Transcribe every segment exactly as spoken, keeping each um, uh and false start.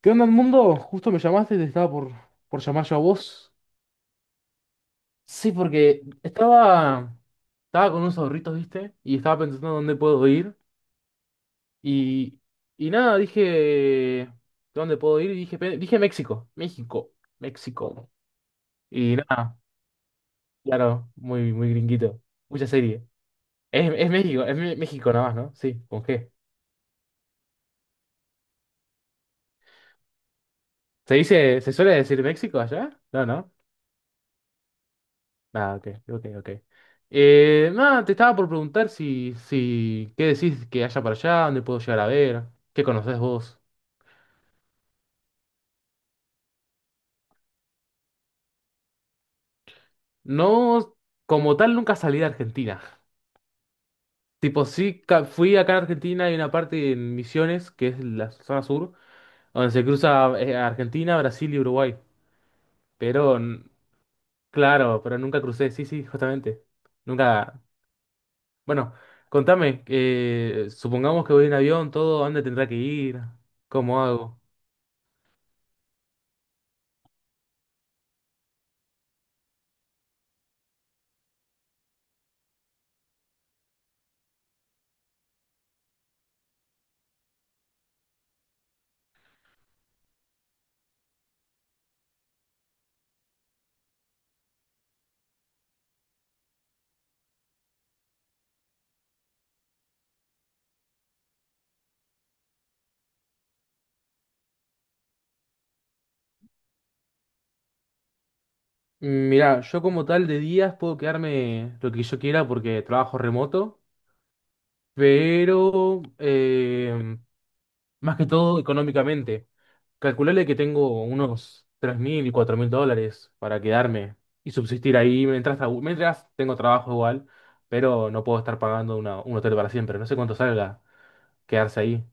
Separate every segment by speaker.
Speaker 1: ¿Qué onda, mundo? Justo me llamaste, te estaba por, por llamar yo a vos. Sí, porque estaba, estaba con unos ahorritos, ¿viste? Y estaba pensando dónde puedo ir. Y, y nada, dije, ¿dónde puedo ir? Y dije, pe- dije México, México, México. Y nada, claro, muy, muy gringuito. Mucha serie. Es, es México, es Me- México nada más, ¿no? Sí, ¿con qué? ¿Se dice, se suele decir México allá? No, ¿no? Ah, ok, ok, ok. Eh, nada, te estaba por preguntar si, si, ¿qué decís que haya para allá? ¿Dónde puedo llegar a ver? ¿Qué conocés vos? No, como tal, nunca salí de Argentina. Tipo, sí, ca- fui acá a Argentina, hay una parte en Misiones, que es la zona sur, donde se cruza eh, Argentina, Brasil y Uruguay. Pero, n- claro, pero nunca crucé, sí, sí, justamente. Nunca. Bueno, contame, eh, supongamos que voy en avión, todo, ¿a ¿dónde tendrá que ir? ¿Cómo hago? Mm, Mirá, yo como tal de días puedo quedarme lo que yo quiera porque trabajo remoto, pero eh, más que todo económicamente. Calcularle que tengo unos tres mil y cuatro mil dólares para quedarme y subsistir ahí mientras, trabu- mientras tengo trabajo igual, pero no puedo estar pagando una- un hotel para siempre. No sé cuánto salga quedarse ahí.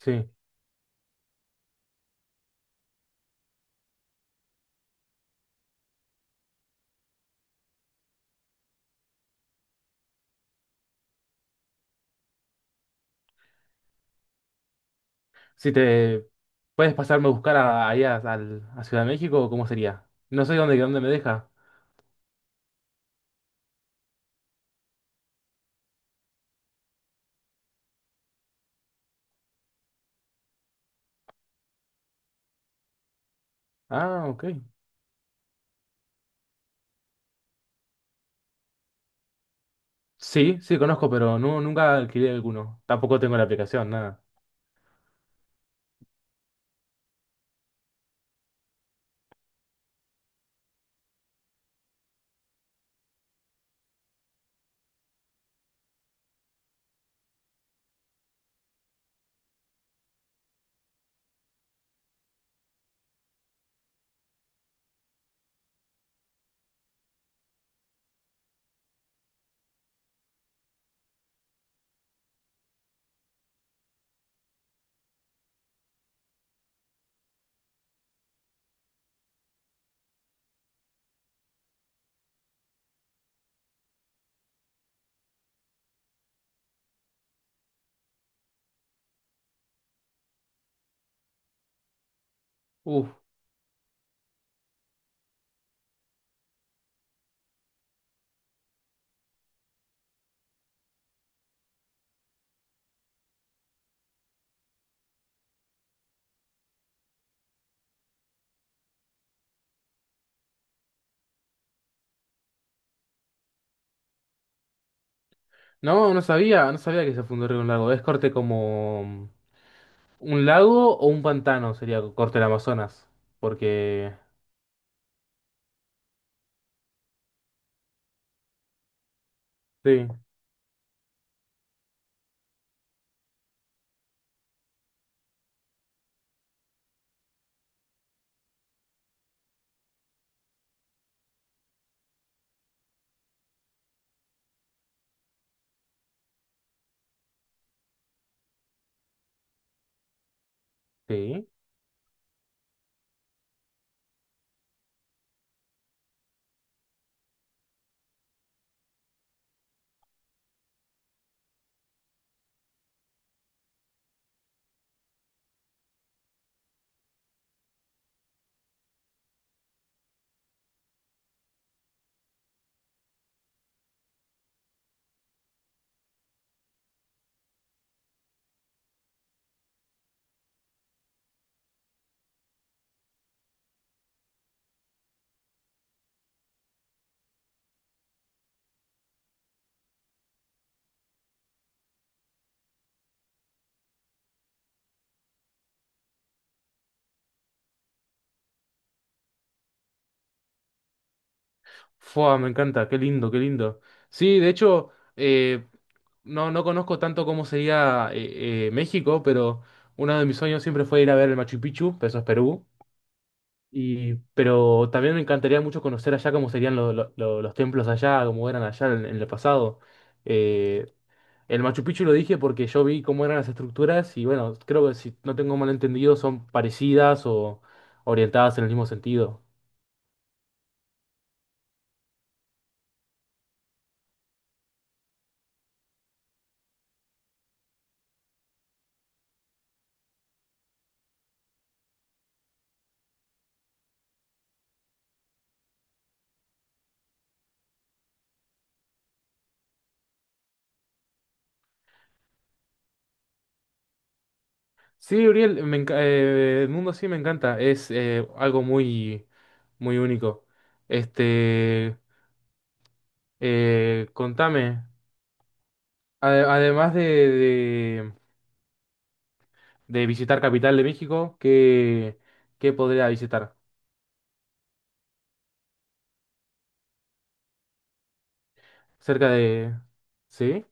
Speaker 1: Sí. Si te puedes pasarme a buscar a, allá al- a Ciudad de México, ¿cómo sería? No sé dónde, dónde me deja. Ah, ok. Sí, sí, conozco, pero no, nunca alquilé alguno. Tampoco tengo la aplicación, nada. Uf. No, no sabía, no sabía que se fundó Río un lago. Es corte como un lago o un pantano, sería corte del Amazonas. Porque. Sí, sí. Fua, me encanta, qué lindo, qué lindo. Sí, de hecho, eh, no, no conozco tanto cómo sería eh, eh, México, pero uno de mis sueños siempre fue ir a ver el Machu Picchu, pero eso es Perú. Y, pero también me encantaría mucho conocer allá cómo serían lo- lo- lo- los templos allá, cómo eran allá en, en el pasado. Eh, el Machu Picchu lo dije porque yo vi cómo eran las estructuras y bueno, creo que si no tengo mal entendido son parecidas o orientadas en el mismo sentido. Sí, Uriel, me enca- eh, el mundo sí me encanta, es eh, algo muy, muy único. Este, eh, contame, ade- además de, de visitar Capital de México, ¿qué, qué podría visitar? Cerca de... ¿Sí?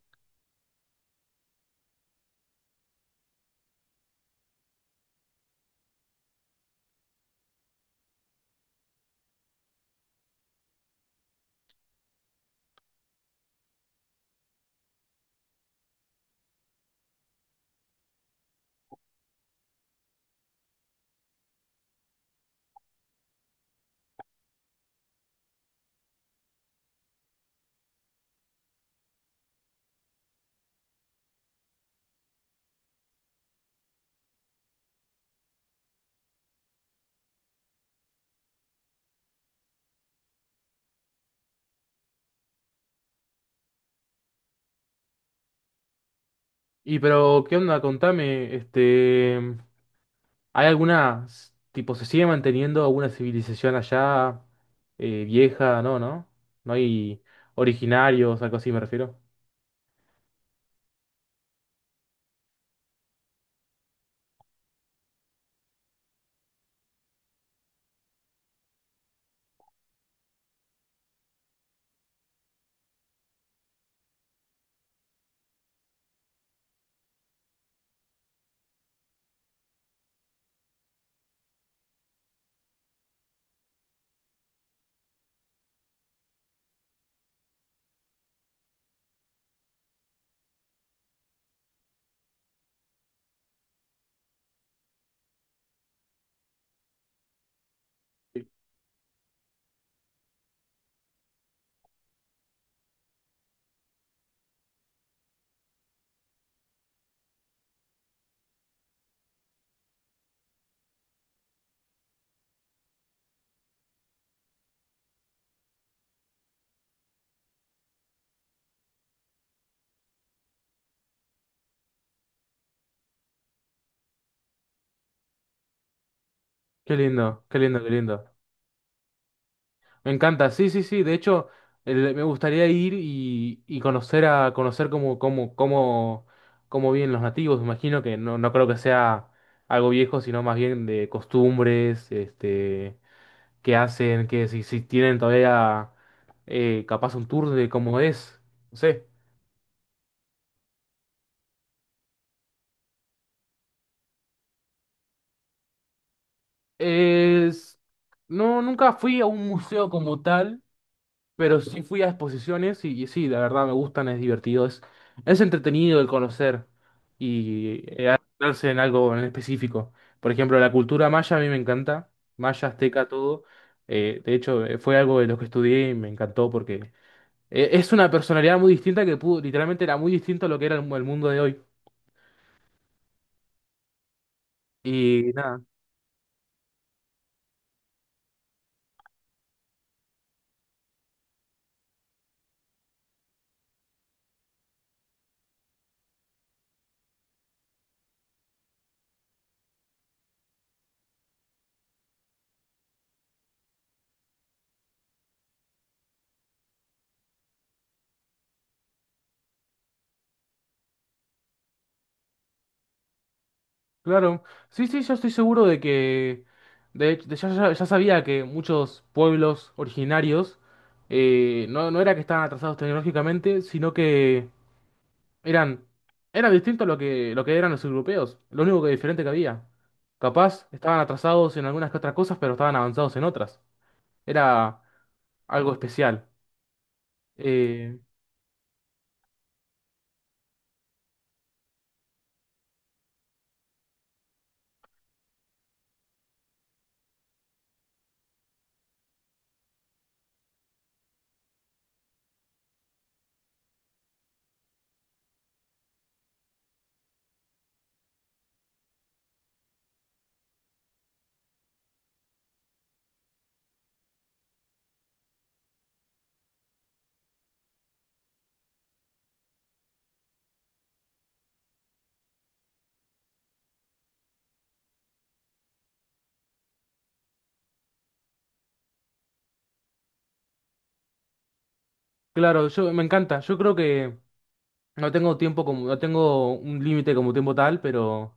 Speaker 1: Y pero, ¿qué onda? Contame, este, ¿hay alguna, s- tipo, se sigue manteniendo alguna civilización allá eh, vieja? No, ¿no? No hay originarios, algo así me refiero. Sí. Qué lindo, qué lindo, qué lindo. Me encanta, sí, sí, sí. De hecho, el- me gustaría ir y, y conocer a conocer cómo, cómo, cómo, cómo viven los nativos. Me imagino que no, no creo que sea algo viejo, sino más bien de costumbres, este, qué hacen, que si, si tienen todavía eh, capaz un tour de cómo es. No sé. Es, no, nunca fui a un museo como tal. Pero sí fui a exposiciones y, y sí, la verdad me gustan, es divertido, es, es entretenido el conocer y eh, adentrarse en algo en específico. Por ejemplo, la cultura maya a mí me encanta, maya, azteca, todo. Eh, de hecho, eh, fue algo de lo que estudié y me encantó porque eh, es una personalidad muy distinta que pudo, literalmente era muy distinto a lo que era el, mu- el mundo de hoy. Y nada. Claro, sí, sí, yo estoy seguro de que, de hecho, de- ya, ya- ya sabía que muchos pueblos originarios eh, no, no era que estaban atrasados tecnológicamente, sino que eran, era distinto a lo que, lo que, eran los europeos, lo único que diferente que había. Capaz estaban atrasados en algunas que otras cosas, pero estaban avanzados en otras. Era algo especial. Eh, claro, yo me encanta, yo creo que no tengo tiempo como, no tengo un límite como tiempo tal, pero...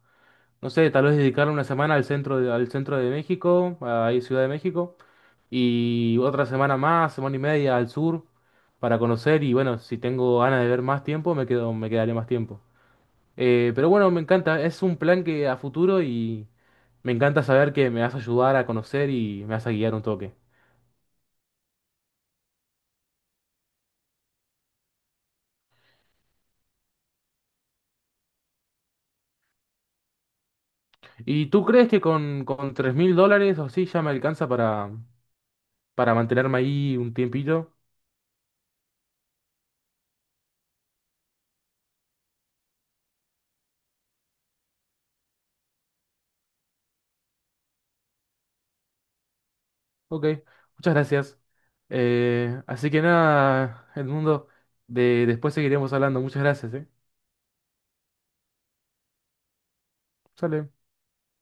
Speaker 1: No sé, tal vez dedicar una semana al centro de, al centro de México, ahí Ciudad de México, y otra semana más, semana y media al sur para conocer y bueno, si tengo ganas de ver más tiempo, me quedo, me quedaré más tiempo. Eh, pero bueno, me encanta, es un plan que a futuro y me encanta saber que me vas a ayudar a conocer y me vas a guiar un toque. ¿Y tú crees que con, con tres mil dólares o así ya me alcanza para, para mantenerme ahí un tiempito? Ok, muchas gracias. Eh, así que nada, Edmundo, de, después seguiremos hablando. Muchas gracias, ¿eh? Sale.